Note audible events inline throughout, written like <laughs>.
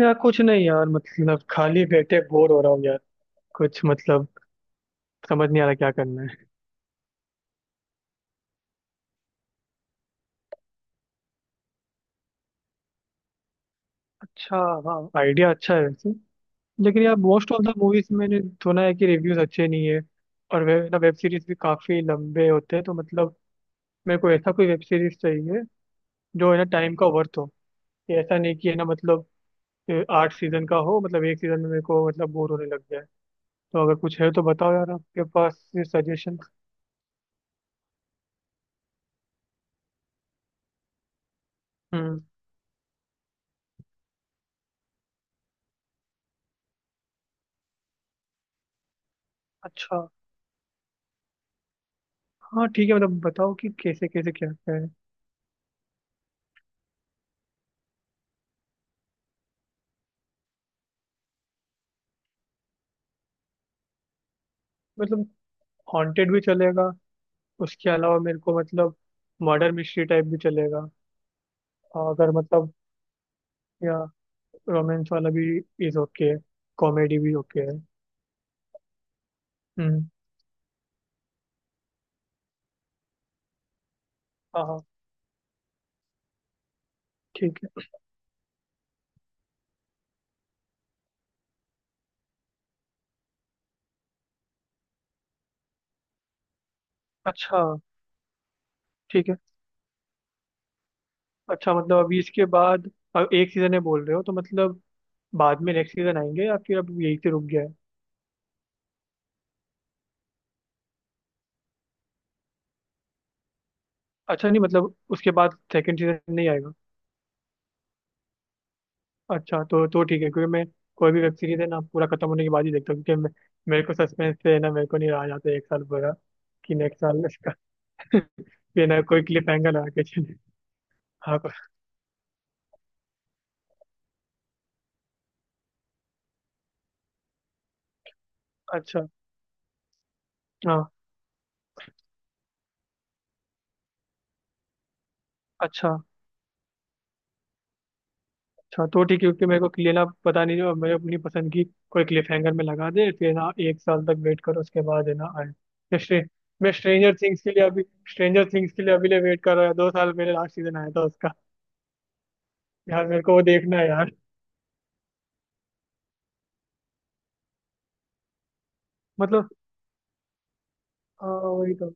यार, कुछ नहीं यार। मतलब खाली बैठे बोर हो रहा हूँ यार। कुछ, मतलब समझ नहीं आ रहा क्या करना है। अच्छा। हाँ, आइडिया अच्छा है वैसे। लेकिन यार मोस्ट ऑफ द मूवीज मैंने सुना है कि रिव्यूज अच्छे नहीं है। और वे ना, वेब सीरीज भी काफी लंबे होते हैं, तो मतलब मेरे को ऐसा कोई वेब सीरीज चाहिए जो है ना टाइम का वर्थ हो। कि ऐसा नहीं कि है ना, मतलब आठ सीजन का हो, मतलब एक सीजन में मेरे को मतलब बोर होने लग जाए। तो अगर कुछ है तो बताओ यार आपके पास सजेशन। हम्म। अच्छा। हाँ, ठीक है, मतलब बताओ कि कैसे कैसे क्या क्या है। मतलब हॉन्टेड भी चलेगा, उसके अलावा मेरे को मतलब मर्डर मिस्ट्री टाइप भी चलेगा। और अगर मतलब, या रोमांस वाला भी इज ओके है, कॉमेडी भी ओके है। हम्म। हाँ हाँ, ठीक है। अच्छा। ठीक है। अच्छा, मतलब अभी इसके बाद अब एक सीजन है बोल रहे हो, तो मतलब बाद में नेक्स्ट सीजन आएंगे, या फिर अब यही से रुक गया है। अच्छा, नहीं मतलब उसके बाद सेकंड सीजन नहीं आएगा। अच्छा, तो ठीक है, क्योंकि मैं कोई भी वेब सीरीज है ना पूरा खत्म होने के बाद ही देखता हूँ, क्योंकि मैं, मेरे को सस्पेंस से है ना, मेरे को नहीं रहा जाता एक साल पूरा कि नेक्स्ट साल इसका। <laughs> बिना कोई क्लिप हैंगर लगा के चले। हाँ अच्छा। हाँ। अच्छा। अच्छा, तो ठीक है, क्योंकि मेरे को क्लियर ना, पता नहीं जो मैं अपनी पसंद की कोई क्लिप हैंगर में लगा दे, फिर ना एक साल तक वेट करो उसके बाद है ना आए। मैं स्ट्रे- मैं स्ट्रेंजर थिंग्स के लिए अभी स्ट्रेंजर थिंग्स के लिए अभी लिए वेट कर रहा है, 2 साल मेरे लास्ट सीजन आया था उसका। यार मेरे को वो देखना है यार। मतलब, हाँ वही तो।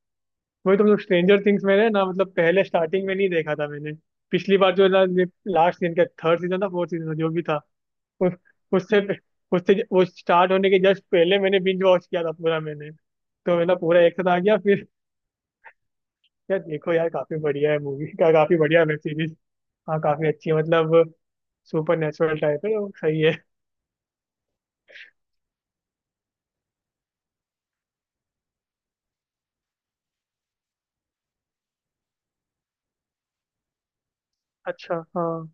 वही तो मतलब स्ट्रेंजर थिंग्स मैंने ना, मतलब पहले स्टार्टिंग में नहीं देखा था मैंने। पिछली बार जो लास्ट सीजन का थर्ड सीजन था, फोर्थ सीजन था, जो भी था उस उससे उससे वो स्टार्ट होने के जस्ट पहले मैंने बिंज वॉच किया था पूरा, मैंने तो मतलब पूरा एक साथ आ गया फिर। यार देखो यार काफी बढ़िया है मूवी का, काफी बढ़िया वेब सीरीज। हाँ, काफी अच्छी है, मतलब सुपर नेचुरल टाइप है तो सही है। अच्छा। हाँ,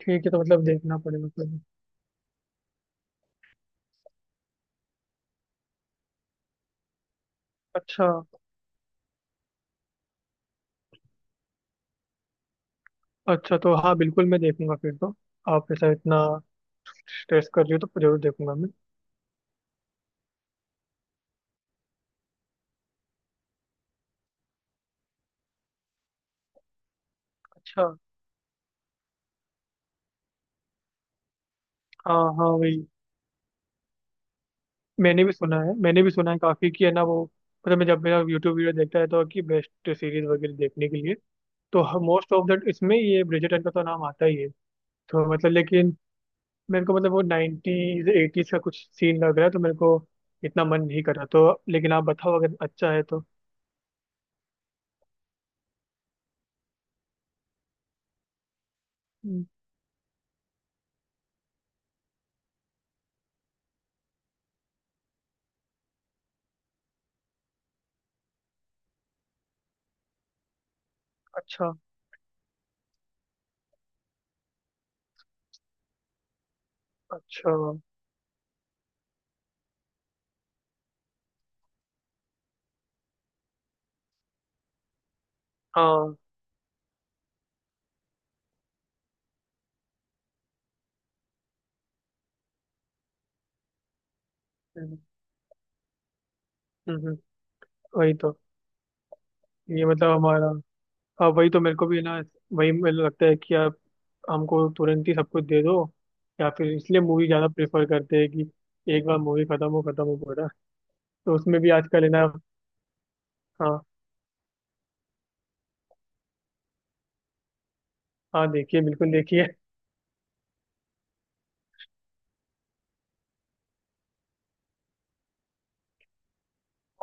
ठीक है, तो मतलब देखना पड़ेगा फिर। अच्छा। अच्छा, तो हाँ बिल्कुल मैं देखूंगा फिर तो। आप ऐसा इतना स्ट्रेस कर रही हो तो जरूर देखूंगा मैं। अच्छा। हाँ हाँ वही। मैंने भी सुना है, मैंने भी सुना है काफी, कि है ना वो, मतलब मैं जब मेरा यूट्यूब वीडियो देखता रहता हूँ कि बेस्ट सीरीज वगैरह देखने के लिए, तो मोस्ट ऑफ दैट इसमें ये ब्रिजर्टन का तो नाम आता ही है। तो मतलब लेकिन मेरे को मतलब वो 90s 80s का कुछ सीन लग रहा है, तो मेरे को इतना मन नहीं कर रहा, तो लेकिन आप बताओ अगर अच्छा है तो। हम्म। अच्छा। अच्छा। हाँ। हम्म, हम्म, हम्म, वही तो, ये मतलब हमारा। हाँ वही तो मेरे को भी ना, वही मुझे लगता है कि यार हमको तुरंत ही सब कुछ दे दो, या फिर इसलिए मूवी ज़्यादा प्रेफर करते हैं कि एक बार मूवी खत्म हो, खत्म हो पूरा। तो उसमें भी आजकल है ना। हाँ। हाँ, देखिए बिल्कुल देखिए।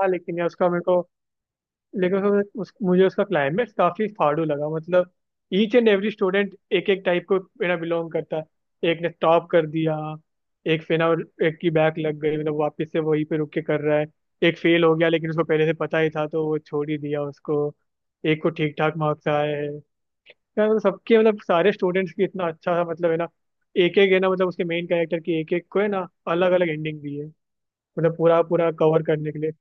हाँ लेकिन यार उसका मेरे को, लेकिन उसका मुझे उसका क्लाइमेक्स काफ़ी फाड़ू लगा मतलब। ईच एंड एवरी स्टूडेंट एक एक टाइप को मेरा बिलोंग करता है। एक ने टॉप कर दिया, एक फेना, और एक की बैक लग गई, मतलब वापस से वहीं पे रुक के कर रहा है। एक फेल हो गया लेकिन उसको पहले से पता ही था, तो वो छोड़ ही दिया उसको। एक को ठीक ठाक मार्क्स आए हैं। यार, मतलब सबके, मतलब सारे स्टूडेंट्स की इतना अच्छा सा, मतलब है ना, एक एक है ना, मतलब उसके मेन कैरेक्टर की एक एक को है ना अलग अलग एंडिंग दी है, मतलब पूरा पूरा कवर करने के लिए।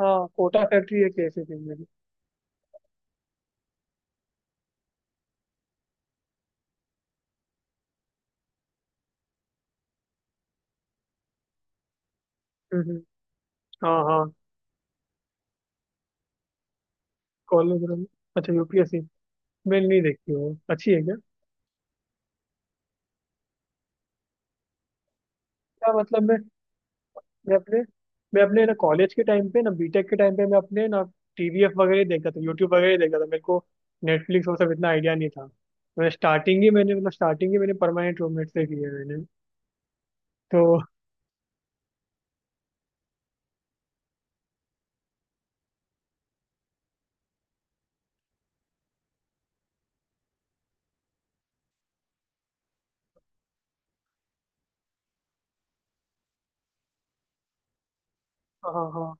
हाँ, कोटा फैक्ट्री एक ऐसी थी मेरी। हम्म। हाँ हाँ। कॉलेज में। अच्छा, UPSC। मैंने नहीं देखी, वो अच्छी है क्या? क्या मतलब, मैं मैं अपने मैं अपने ना कॉलेज के टाइम पे ना, बीटेक के टाइम पे, मैं अपने ना TVF वगैरह ही देखा था, यूट्यूब वगैरह ही देखा था, मेरे को नेटफ्लिक्स वो सब इतना आइडिया नहीं था। मैंने स्टार्टिंग ही मैंने, मतलब स्टार्टिंग ही मैंने परमानेंट रूममेट से की है मैंने तो। हाँ हाँ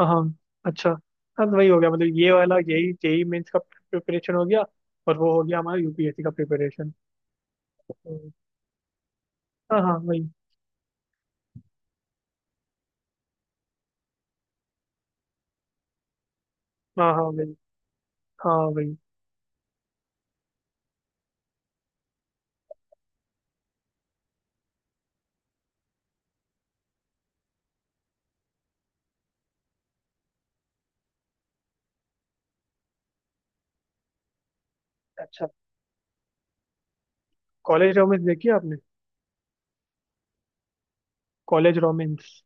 हाँ। अच्छा। हाँ, तो वही हो गया, मतलब ये वाला यही JEE मेंस का प्रिपरेशन हो गया, और वो हो गया हमारा UPSC का प्रिपरेशन। हाँ हाँ वही। हाँ हाँ वही। हाँ वही। अच्छा, कॉलेज रोमेंस देखी आपने? College romance.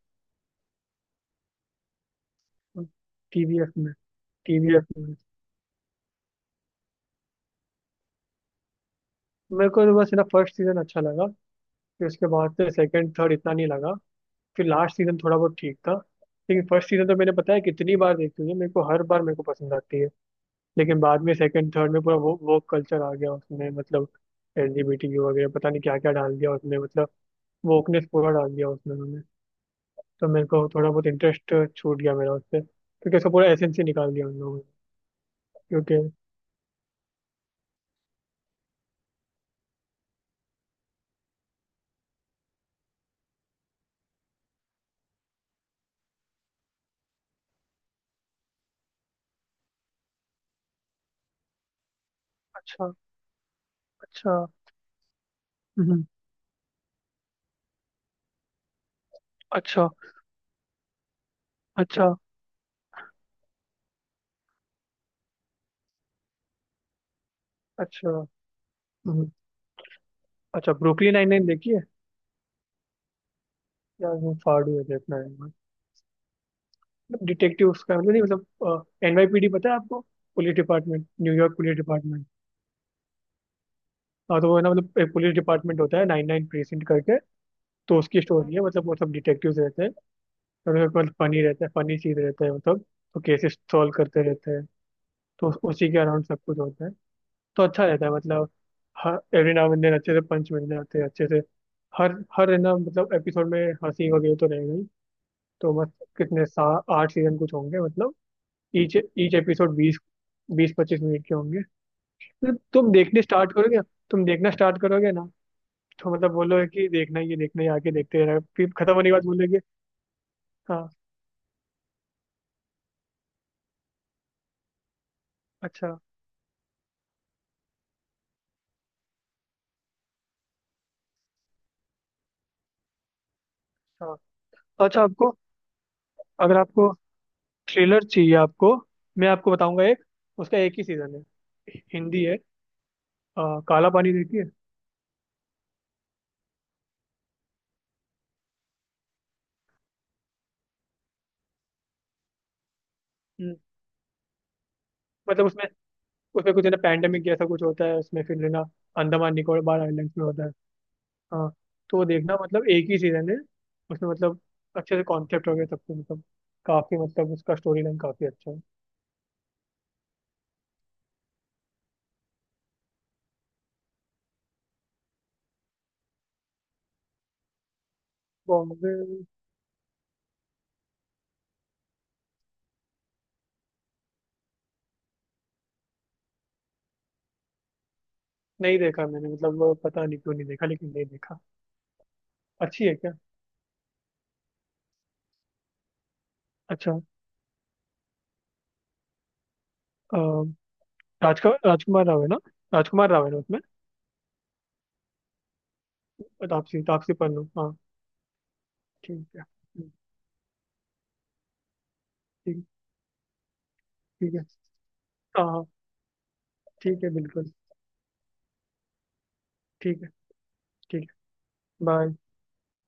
TVF में। TVF में। मेरे को तो बस ना फर्स्ट सीजन अच्छा लगा, फिर उसके बाद से सेकंड थर्ड इतना नहीं लगा, फिर लास्ट सीजन थोड़ा बहुत ठीक था। लेकिन फर्स्ट सीजन तो मैंने, पता है, कितनी बार देखी हुई है, मेरे को हर बार मेरे को पसंद आती है। लेकिन बाद में सेकंड थर्ड में पूरा वो कल्चर आ गया उसमें, मतलब LGBTQ वगैरह पता नहीं क्या क्या डाल दिया उसने, मतलब वोकनेस पूरा डाल दिया उसमें उन्होंने। तो मेरे को थोड़ा बहुत इंटरेस्ट छूट गया मेरा उससे, क्योंकि उसका पूरा एसेंस ही निकाल दिया उन लोगों ने। क्योंकि अच्छा, अच्छा। हम्म। अच्छा, अच्छा, अच्छा। हम्म। अच्छा, ब्रुकलिन 99 देखी है? यार वो फाड़ू है, देखना है एक बार। मतलब डिटेक्टिव उसका मतलब, नहीं मतलब NYPD, पता है आपको, police department, New York police department. हाँ, तो वो है ना, मतलब एक पुलिस डिपार्टमेंट होता है 99 प्रीसिंट करके, तो उसकी स्टोरी है, मतलब वो सब डिटेक्टिव रहते हैं, और उसमें मतलब फनी रहता है, फनी चीज रहता है मतलब, तो केसेस सॉल्व करते रहते हैं, तो उसी के अराउंड सब कुछ होता है। तो अच्छा रहता है, मतलब हर एवरी नाउ एंड देन अच्छे से पंच मिलने आते हैं अच्छे से। हर हर है ना, मतलब एपिसोड में हंसी वगैरह तो रहेगा ही, तो बस। कितने सा 8 सीजन कुछ होंगे मतलब, ईच ईच एपिसोड 20-25 मिनट के होंगे। तो तुम देखने स्टार्ट करोगे, तुम देखना स्टार्ट करोगे ना, तो मतलब बोलोगे कि देखना ही है, देखना ही है, आगे देखते रहना, फिर खत्म होने के बाद बोलोगे। हाँ। अच्छा, हाँ तो अच्छा आपको, अगर आपको थ्रिलर चाहिए आपको, मैं आपको बताऊंगा एक, उसका एक ही सीजन है, हिंदी है। अ, काला पानी देखिए। हम्म। मतलब उसमें, उसमें कुछ है ना पैंडेमिक जैसा कुछ होता है उसमें, फिर है ना, अंडमान निकोबार आइलैंड्स में होता है। हाँ, तो वो देखना, मतलब एक ही सीजन है, उसमें मतलब अच्छे से कॉन्सेप्ट हो गया सब कुछ, मतलब काफी, मतलब उसका स्टोरी लाइन काफी अच्छा है। बॉम्बे। नहीं देखा मैंने, मतलब वो पता नहीं क्यों नहीं देखा, लेकिन नहीं देखा। अच्छी है क्या? अच्छा। राजकुमार राजकुमार राव है ना, राजकुमार राव है ना उसमें। तापसी तापसी पन्नू। हाँ। ठीक है। हम्म। ठीक ठीक है। हाँ हाँ। ठीक है बिल्कुल। ठीक है। ठीक है। बाय।